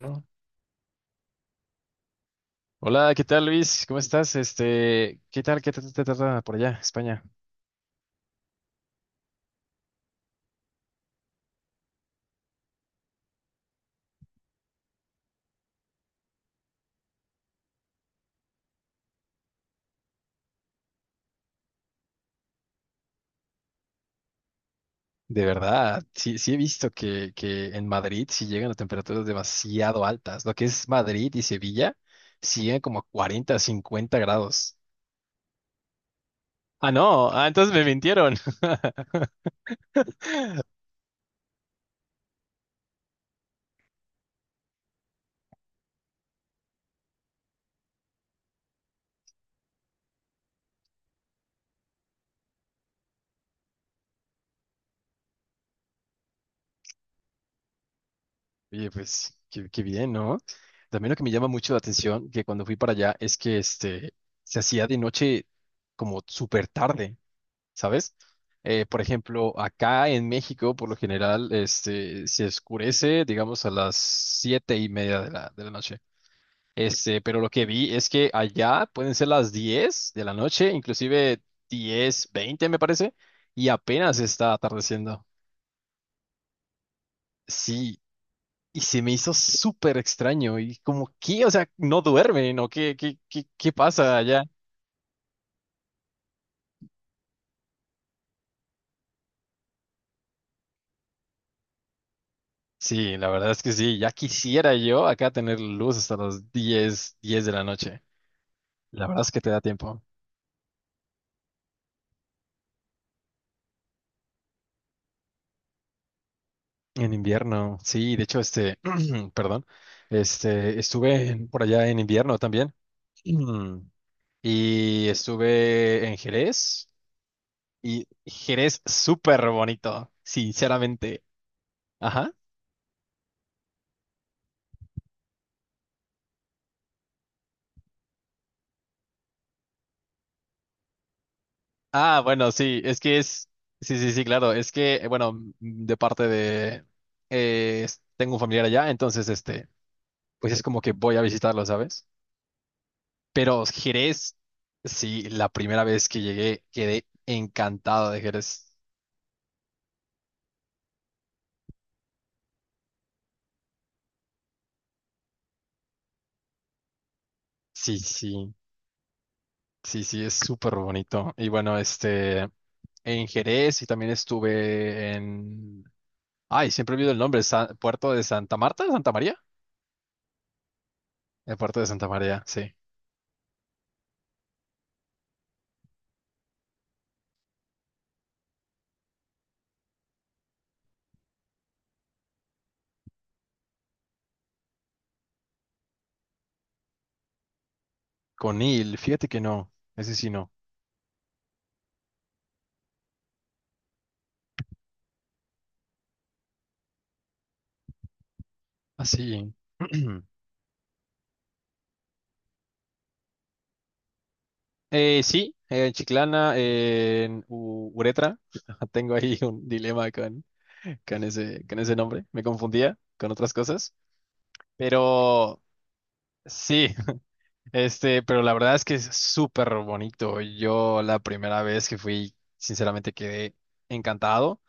¿No? Hola, ¿qué tal, Luis? ¿Cómo estás? ¿Qué tal? ¿Qué tal te trata por allá, España? De verdad, sí, sí he visto que en Madrid sí llegan a temperaturas demasiado altas. Lo que es Madrid y Sevilla siguen como a 40, 50 grados. Ah, no, ah, entonces me mintieron. Oye, pues, qué bien, ¿no? También lo que me llama mucho la atención, que cuando fui para allá, es que se hacía de noche como súper tarde. ¿Sabes? Por ejemplo, acá en México, por lo general, se oscurece, digamos, a las 7:30 de la noche. Pero lo que vi es que allá pueden ser las 10 de la noche, inclusive 10:20, me parece, y apenas está atardeciendo. Sí, y se me hizo súper extraño. Y como, ¿qué? O sea, ¿no duermen, o qué, qué pasa allá? Sí, la verdad es que sí, ya quisiera yo acá tener luz hasta las 10, 10 de la noche. La verdad es que te da tiempo. En invierno, sí, de hecho, perdón, por allá en invierno también. Mm. Y estuve en Jerez. Y Jerez súper bonito, sinceramente. Ajá. Ah, bueno, sí, es que es. Sí, sí, sí, claro. Es que, bueno, de parte de. Tengo un familiar allá, entonces, pues es como que voy a visitarlo, ¿sabes? Pero Jerez, sí, la primera vez que llegué quedé encantado de Jerez. Sí, sí, sí, sí, es súper bonito. Y bueno, en Jerez y también estuve en... Ay, siempre olvido el nombre, Puerto de Santa Marta, Santa María. El Puerto de Santa María, sí. Conil, fíjate que no, ese sí no. Así. Sí, en Chiclana, en Uretra, tengo ahí un dilema con ese nombre. Me confundía con otras cosas. Pero sí, pero la verdad es que es súper bonito. Yo la primera vez que fui, sinceramente quedé encantado.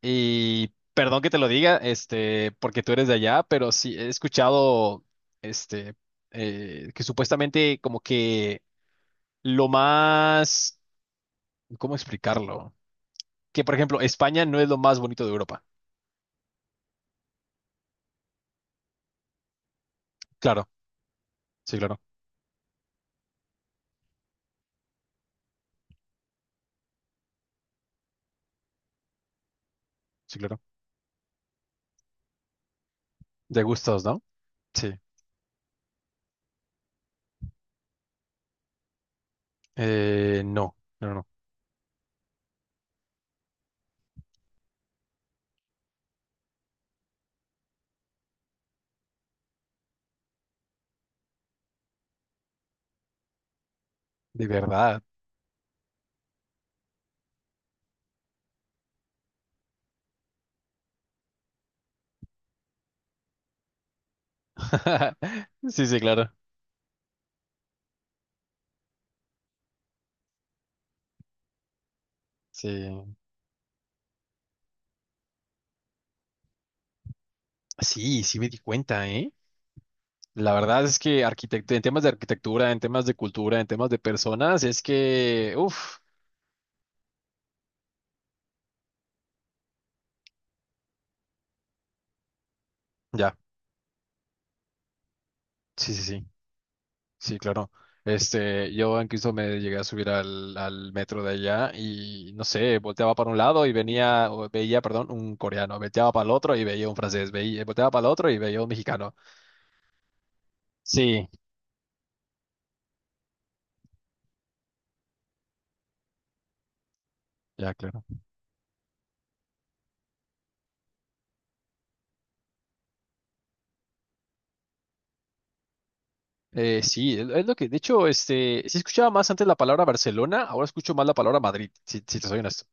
Y perdón que te lo diga, porque tú eres de allá, pero sí he escuchado, este, que supuestamente como que lo más, ¿cómo explicarlo? Que, por ejemplo, España no es lo más bonito de Europa. Claro, sí, claro, sí, claro. De gustos, ¿no? Sí. No, no, no, de verdad. Sí, sí, claro. Sí, sí, sí me di cuenta, ¿eh? La verdad es que en temas de arquitectura, en temas de cultura, en temas de personas, es que, uff, ya, sí, sí, sí, sí, claro. Yo incluso me llegué a subir al metro de allá y, no sé, volteaba para un lado y venía, o veía, perdón, un coreano, volteaba para el otro y veía un francés, veía, volteaba para el otro y veía un mexicano. Sí, ya, claro. Sí, es lo que, de hecho, sí escuchaba más antes la palabra Barcelona, ahora escucho más la palabra Madrid, si, te soy honesto.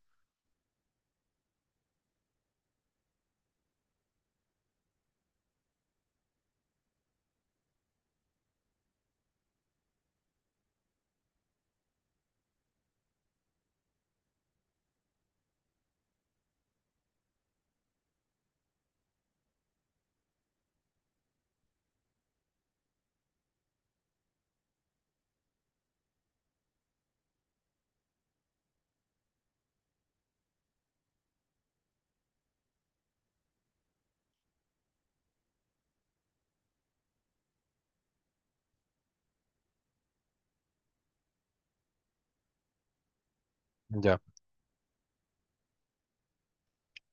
Ya,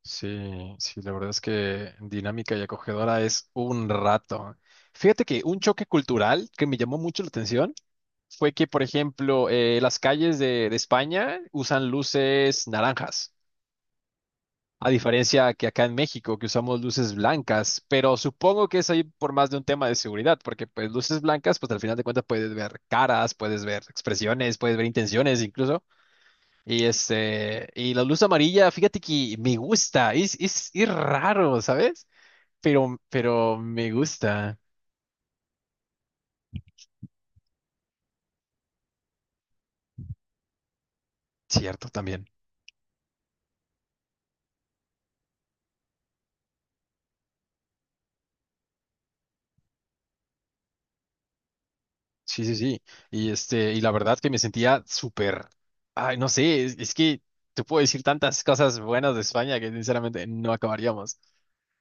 sí, sí, la verdad es que dinámica y acogedora es un rato. Fíjate que un choque cultural que me llamó mucho la atención fue que, por ejemplo, las calles de España usan luces naranjas. A diferencia que acá en México, que usamos luces blancas, pero supongo que es ahí por más de un tema de seguridad, porque pues luces blancas, pues al final de cuentas puedes ver caras, puedes ver expresiones, puedes ver intenciones incluso. Y este, y la luz amarilla, fíjate que me gusta, es raro, ¿sabes? Pero me gusta, cierto, también. Sí, sí, sí. Y este, y la verdad que me sentía súper, ay, no sé, es que te puedo decir tantas cosas buenas de España que sinceramente no acabaríamos.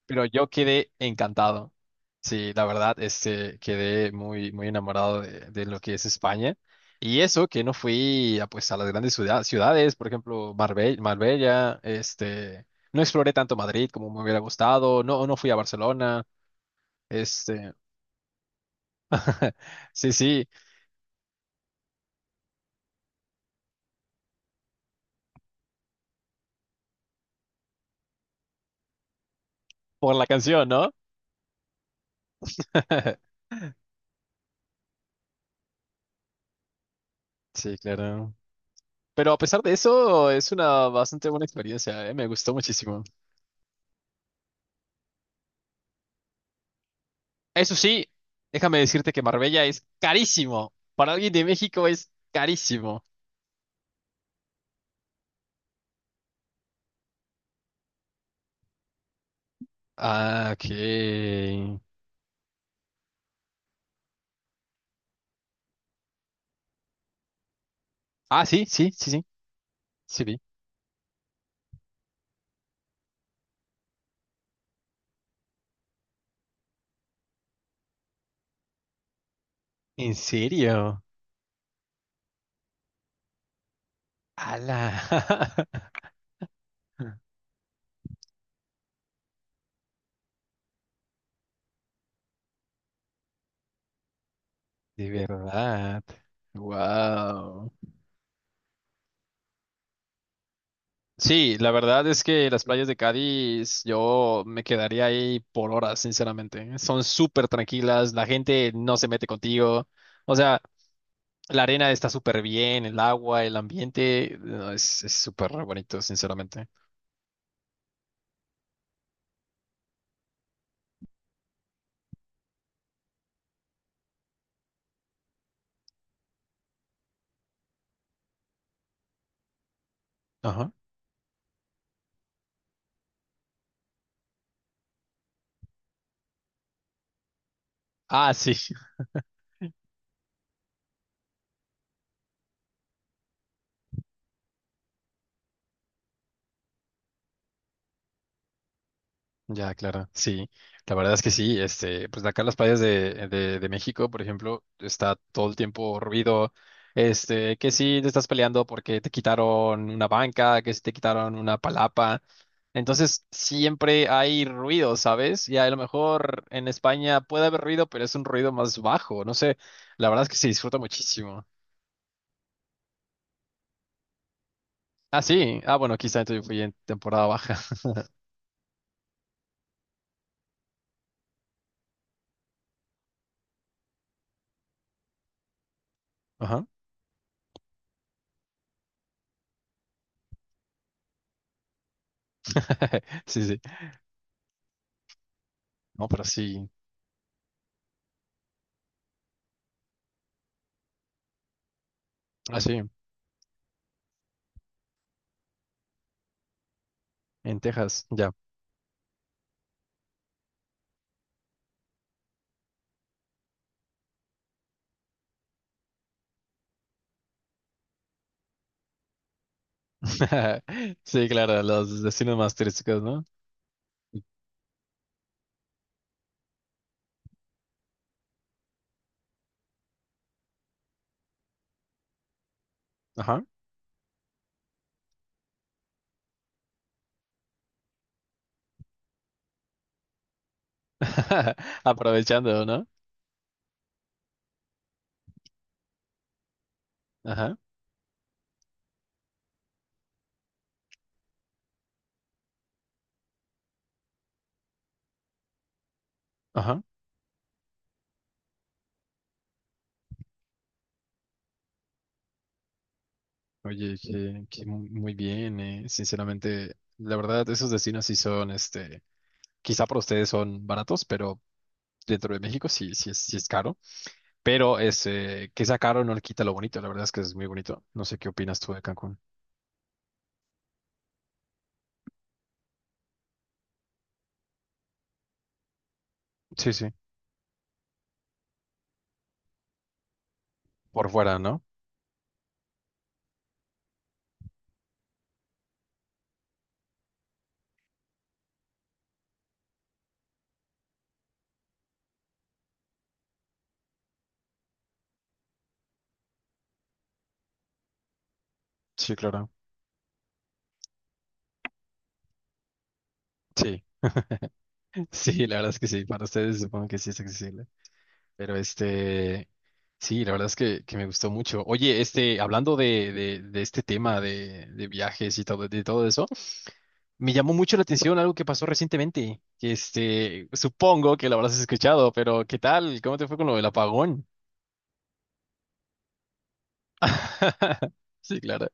Pero yo quedé encantado. Sí, la verdad, quedé muy, muy enamorado de lo que es España. Y eso, que no fui a, pues, a las grandes ciudades, por ejemplo, Marbella, no exploré tanto Madrid como me hubiera gustado, no, no fui a Barcelona, este, sí, sí, por la canción, ¿no? Sí, claro. Pero a pesar de eso, es una bastante buena experiencia, ¿eh? Me gustó muchísimo. Eso sí, déjame decirte que Marbella es carísimo. Para alguien de México es carísimo. Ah, ok. Ah, sí, sí, sí, sí, sí vi. ¿En serio? ¡Hala! De verdad. Wow. Sí, la verdad es que las playas de Cádiz, yo me quedaría ahí por horas, sinceramente. Son súper tranquilas, la gente no se mete contigo. O sea, la arena está súper bien, el agua, el ambiente, no, es súper bonito, sinceramente. Ajá. Ah, sí, ya, claro, sí. La verdad es que sí, pues acá en las playas de México, por ejemplo, está todo el tiempo ruido, que sí te estás peleando porque te quitaron una banca, que sí te quitaron una palapa. Entonces, siempre hay ruido, ¿sabes? Y a lo mejor en España puede haber ruido, pero es un ruido más bajo, no sé, la verdad es que se disfruta muchísimo. Ah, sí. Ah, bueno, quizá entonces yo fui en temporada baja. Ajá. Sí, sí. No, pero sí. Ah, sí. En Texas, ya. Sí, claro, los destinos más turísticos, ¿no? Ajá. Aprovechando, ¿no? Ajá. Ajá. Oye, que mu- muy bien, eh. Sinceramente, la verdad, esos destinos sí son, quizá para ustedes son baratos, pero dentro de México sí, sí es caro. Pero ese, que sea caro no le quita lo bonito. La verdad es que es muy bonito. No sé qué opinas tú de Cancún. Sí, sí. Por fuera, ¿no? Sí, claro. Sí, sí, la verdad es que sí. Para ustedes supongo que sí es accesible. Pero este, sí, la verdad es que me gustó mucho. Oye, hablando de, de este tema de viajes y todo, de todo eso, me llamó mucho la atención algo que pasó recientemente. Que este, supongo que lo habrás escuchado, pero ¿qué tal? ¿Cómo te fue con lo del apagón? Sí, claro.